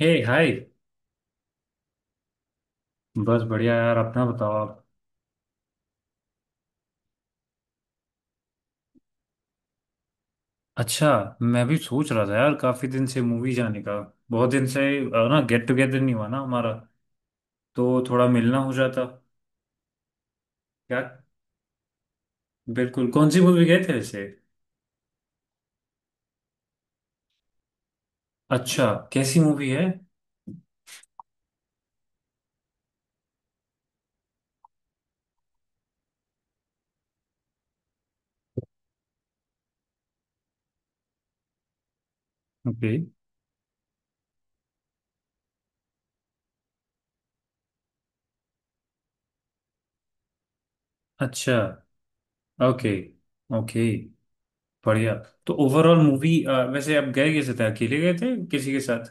हे hi. बस बढ़िया यार, अपना बताओ आप। अच्छा। मैं भी सोच रहा था यार, काफी दिन से मूवी जाने का। बहुत दिन से। ना गेट टुगेदर नहीं हुआ ना हमारा। तो थोड़ा मिलना हो जाता। क्या। बिल्कुल, कौन सी मूवी गए थे वैसे? अच्छा। कैसी मूवी है? ओके। अच्छा। ओके। ओके, बढ़िया। तो ओवरऑल मूवी वैसे आप गए कैसे थे, अकेले गए थे किसी के साथ?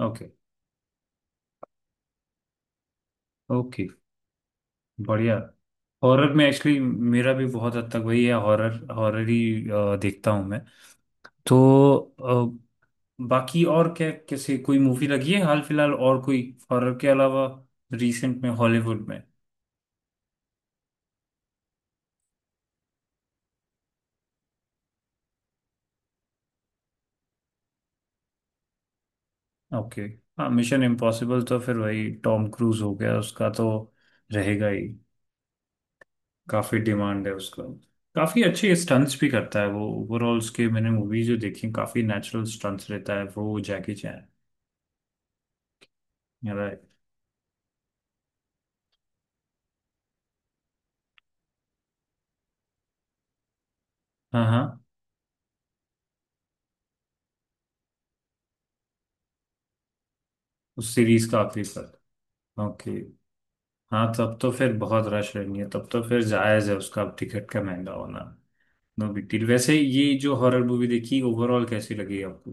ओके। ओके, बढ़िया। हॉरर में एक्चुअली मेरा भी बहुत हद तक वही है, हॉरर हॉरर ही देखता हूँ मैं। तो अ, बाकी और क्या किसी कोई मूवी लगी है हाल फिलहाल और कोई, हॉरर के अलावा, रिसेंट में हॉलीवुड में? ओके। हाँ, मिशन इम्पॉसिबल तो फिर वही टॉम क्रूज हो गया, उसका तो रहेगा ही। काफी डिमांड है उसका। काफी अच्छे स्टंट्स भी करता है वो, ओवरऑल उसके मैंने मूवी जो देखी काफी नेचुरल स्टंट्स रहता है वो, जैकी चैन। राइट। हाँ हाँ। उस सीरीज का आखिरी। ओके। हाँ, तब तो फिर बहुत रश रहनी है, तब तो फिर जायज है उसका टिकट का महंगा होना। No big deal. वैसे ये जो हॉरर मूवी देखी ओवरऑल कैसी लगी आपको?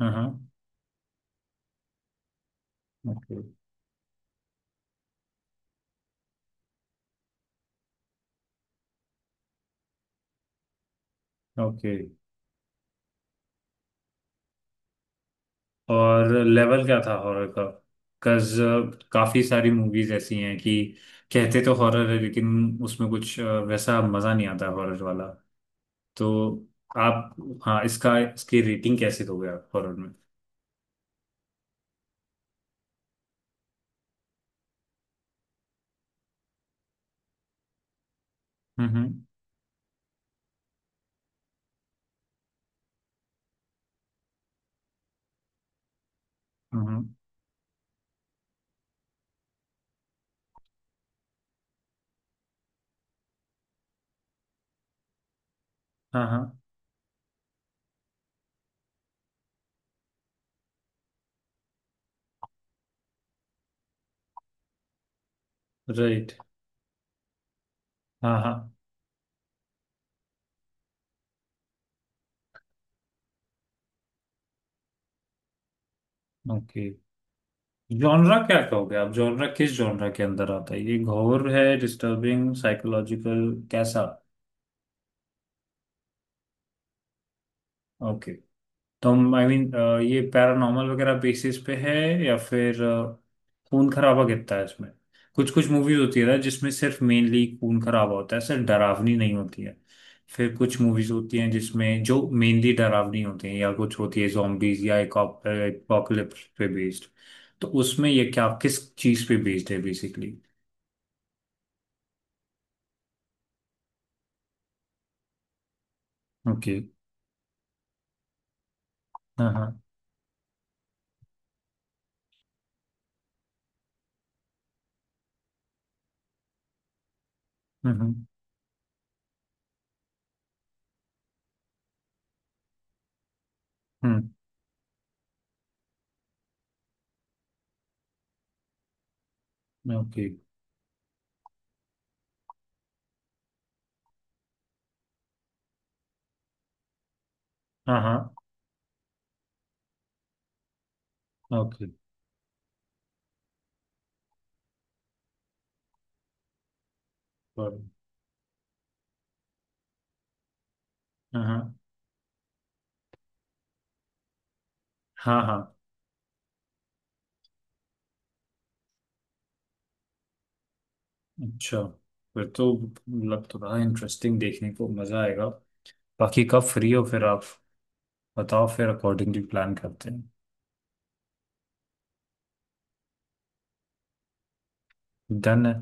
हाँ हाँ। ओके। ओके। और लेवल क्या था हॉरर का? बिकॉज काफी सारी मूवीज ऐसी हैं कि कहते तो हॉरर है लेकिन उसमें कुछ वैसा मजा नहीं आता हॉरर वाला। तो आप, हाँ, इसका इसकी रेटिंग कैसे दोगे आप हॉरर में? हम्म। हम्म, हाँ हाँ। राइट। हाँ हाँ। ओके। जॉनरा क्या कहोगे आप, जॉनरा किस जॉनरा के अंदर आता है ये, घोर है, डिस्टर्बिंग, साइकोलॉजिकल, कैसा? ओके। तो हम आई मीन ये पैरानॉर्मल वगैरह बेसिस पे है, या फिर खून खराबा कितना है इसमें? कुछ कुछ मूवीज होती है ना जिसमें सिर्फ मेनली खून खराबा होता है, सिर्फ डरावनी नहीं होती है। फिर कुछ मूवीज होती हैं जिसमें जो मेनली डरावनी होती हैं, या कुछ होती है zombies या एपोकलिप्स पे बेस्ड। तो उसमें ये क्या किस चीज पे बेस्ड है बेसिकली? ओके। हाँ हाँ। हम्म हम्म। ओके। हाँ हाँ। ओके। पर, हाँ हाँ। हाँ हाँ। अच्छा। फिर तो मतलब तो बड़ा इंटरेस्टिंग, देखने को मजा आएगा। बाकी कब फ्री हो फिर आप, बताओ फिर अकॉर्डिंगली प्लान करते हैं। डन है।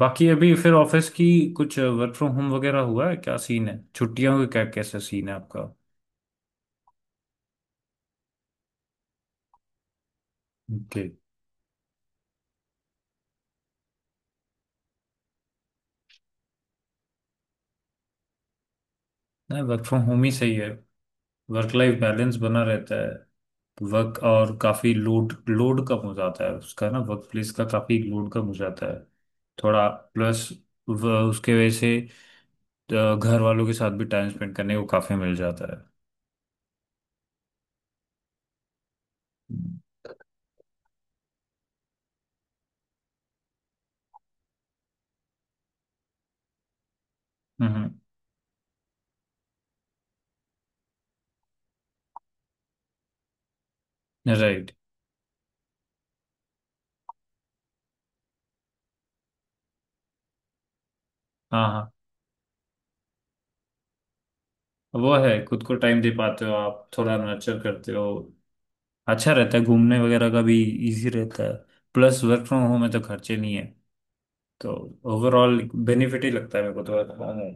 बाकी अभी फिर ऑफिस की कुछ वर्क फ्रॉम होम वगैरह हुआ है क्या, सीन है छुट्टियों का, क्या कैसा सीन है आपका? ओके। नहीं, वर्क फ्रॉम होम ही सही है। वर्क लाइफ बैलेंस बना रहता है वर्क, और काफी लोड लोड कम हो जाता है उसका ना, वर्क प्लेस का काफी लोड कम हो जाता है। थोड़ा। प्लस उसके वजह से घर वालों के साथ भी टाइम स्पेंड करने को काफी मिल जाता है। हम्म। राइट। हाँ हाँ। वो है, खुद को टाइम दे पाते हो आप थोड़ा, नर्चर करते हो। अच्छा रहता है घूमने वगैरह का भी। इजी रहता है। प्लस वर्क फ्रॉम होम में तो खर्चे नहीं है। तो ओवरऑल बेनिफिट ही लगता है मेरे को तो work from home।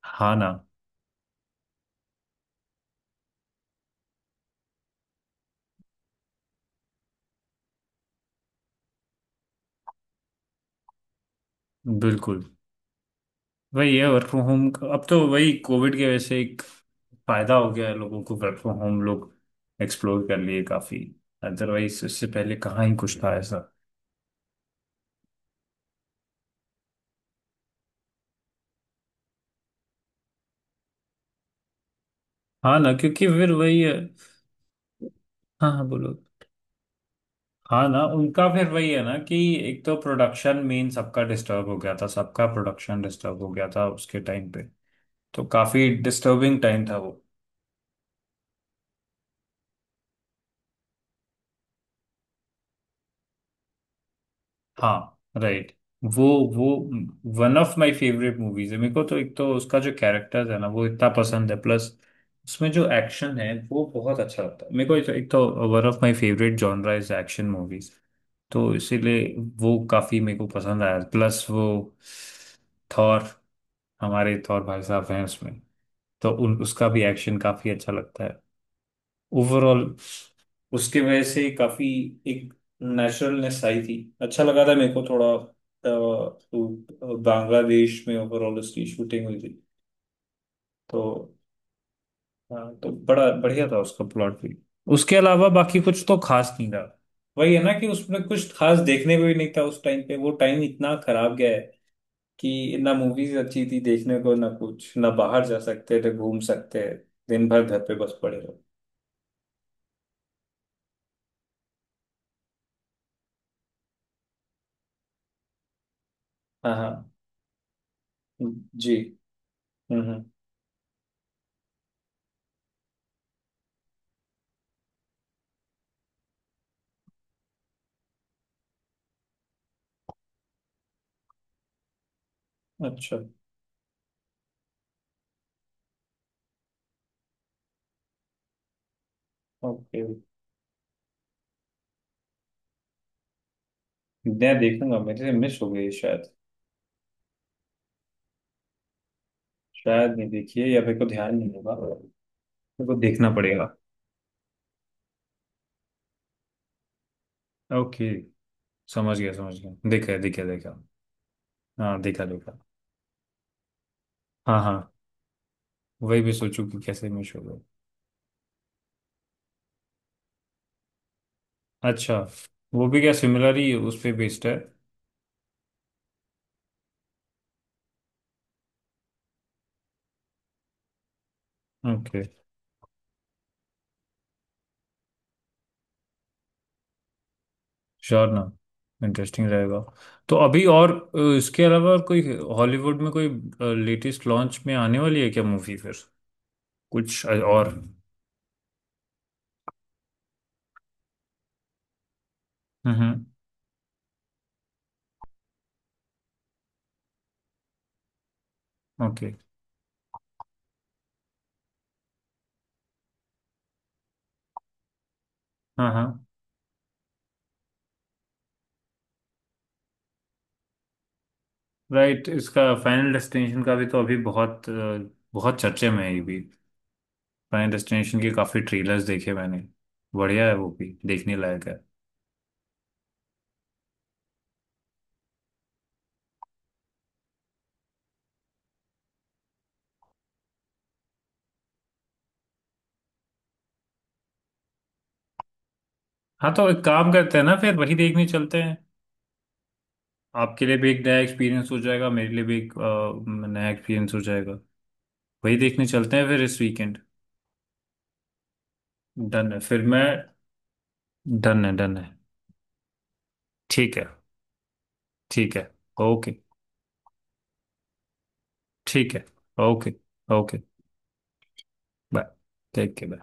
हाँ ना। बिल्कुल। वही है वर्क फ्रॉम होम, अब तो वही कोविड के वजह से एक फायदा हो गया है लोगों को, वर्क फ्रॉम होम लोग एक्सप्लोर कर लिए काफी। अदरवाइज इससे पहले कहाँ ही कुछ था ऐसा। हाँ ना, क्योंकि फिर वही है। हाँ हाँ बोलो। हाँ ना, उनका फिर वही है ना कि एक तो प्रोडक्शन मेन सबका डिस्टर्ब हो गया था, सबका प्रोडक्शन डिस्टर्ब हो गया था उसके टाइम पे। तो काफी डिस्टर्बिंग टाइम था वो। हाँ राइट। वो वो one of my favourite movies है मेरे को तो, एक तो उसका जो कैरेक्टर है ना वो इतना पसंद है, प्लस उसमें जो एक्शन है वो बहुत अच्छा लगता है मेरे को। एक तो one of my favourite genre is action movies. तो इसीलिए वो काफी मेरे को पसंद आया। प्लस वो थॉर, हमारे थॉर भाई साहब हैं उसमें, तो उन उसका भी एक्शन काफी अच्छा लगता है। ओवरऑल उसकी वजह से काफी एक नेचुरलनेस आई थी, अच्छा लगा था मेरे को थोड़ा तो बांग्लादेश में ओवरऑल उसकी शूटिंग हुई थी। तो हाँ, तो बड़ा बढ़िया था उसका प्लॉट भी। उसके अलावा बाकी कुछ तो खास नहीं था। वही है ना कि उसमें कुछ खास देखने को भी नहीं था उस टाइम पे। वो टाइम इतना खराब गया है कि ना मूवीज अच्छी थी देखने को, ना कुछ, ना बाहर जा सकते थे, घूम सकते। दिन भर घर पे बस पड़े रहो। हाँ हाँ। जी। हम्म। अच्छा। ओके। मैं देखूंगा, मेरे से मिस हो गई शायद। शायद नहीं देखी है, या मेरे को ध्यान नहीं होगा, मेरे को देखना पड़ेगा। ओके। समझ गया समझ गया, देखा देखा देखा। हाँ देखा देखा। हाँ हाँ। वही भी सोचू कि कैसे मिस हो गया। अच्छा। वो भी क्या सिमिलर ही उस पे बेस्ड है? ओके। श्योर ना। इंटरेस्टिंग रहेगा। तो अभी और इसके अलावा और कोई हॉलीवुड में कोई लेटेस्ट लॉन्च में आने वाली है क्या मूवी फिर कुछ और? हम्म। हम्म, ओके। हाँ हाँ। राइट, इसका फाइनल डेस्टिनेशन का भी तो अभी बहुत बहुत चर्चे में है ये भी। फाइनल डेस्टिनेशन के काफी ट्रेलर्स देखे मैंने। बढ़िया है, वो भी देखने लायक है। हाँ तो एक काम करते हैं ना, फिर वही देखने चलते हैं। आपके लिए भी एक नया एक्सपीरियंस हो जाएगा, मेरे लिए भी एक नया एक्सपीरियंस हो जाएगा। वही देखने चलते हैं फिर इस वीकेंड। डन है फिर मैं। डन है डन है। ठीक है। ठीक है। ओके। ठीक है। Okay. Okay. Bye. Take care.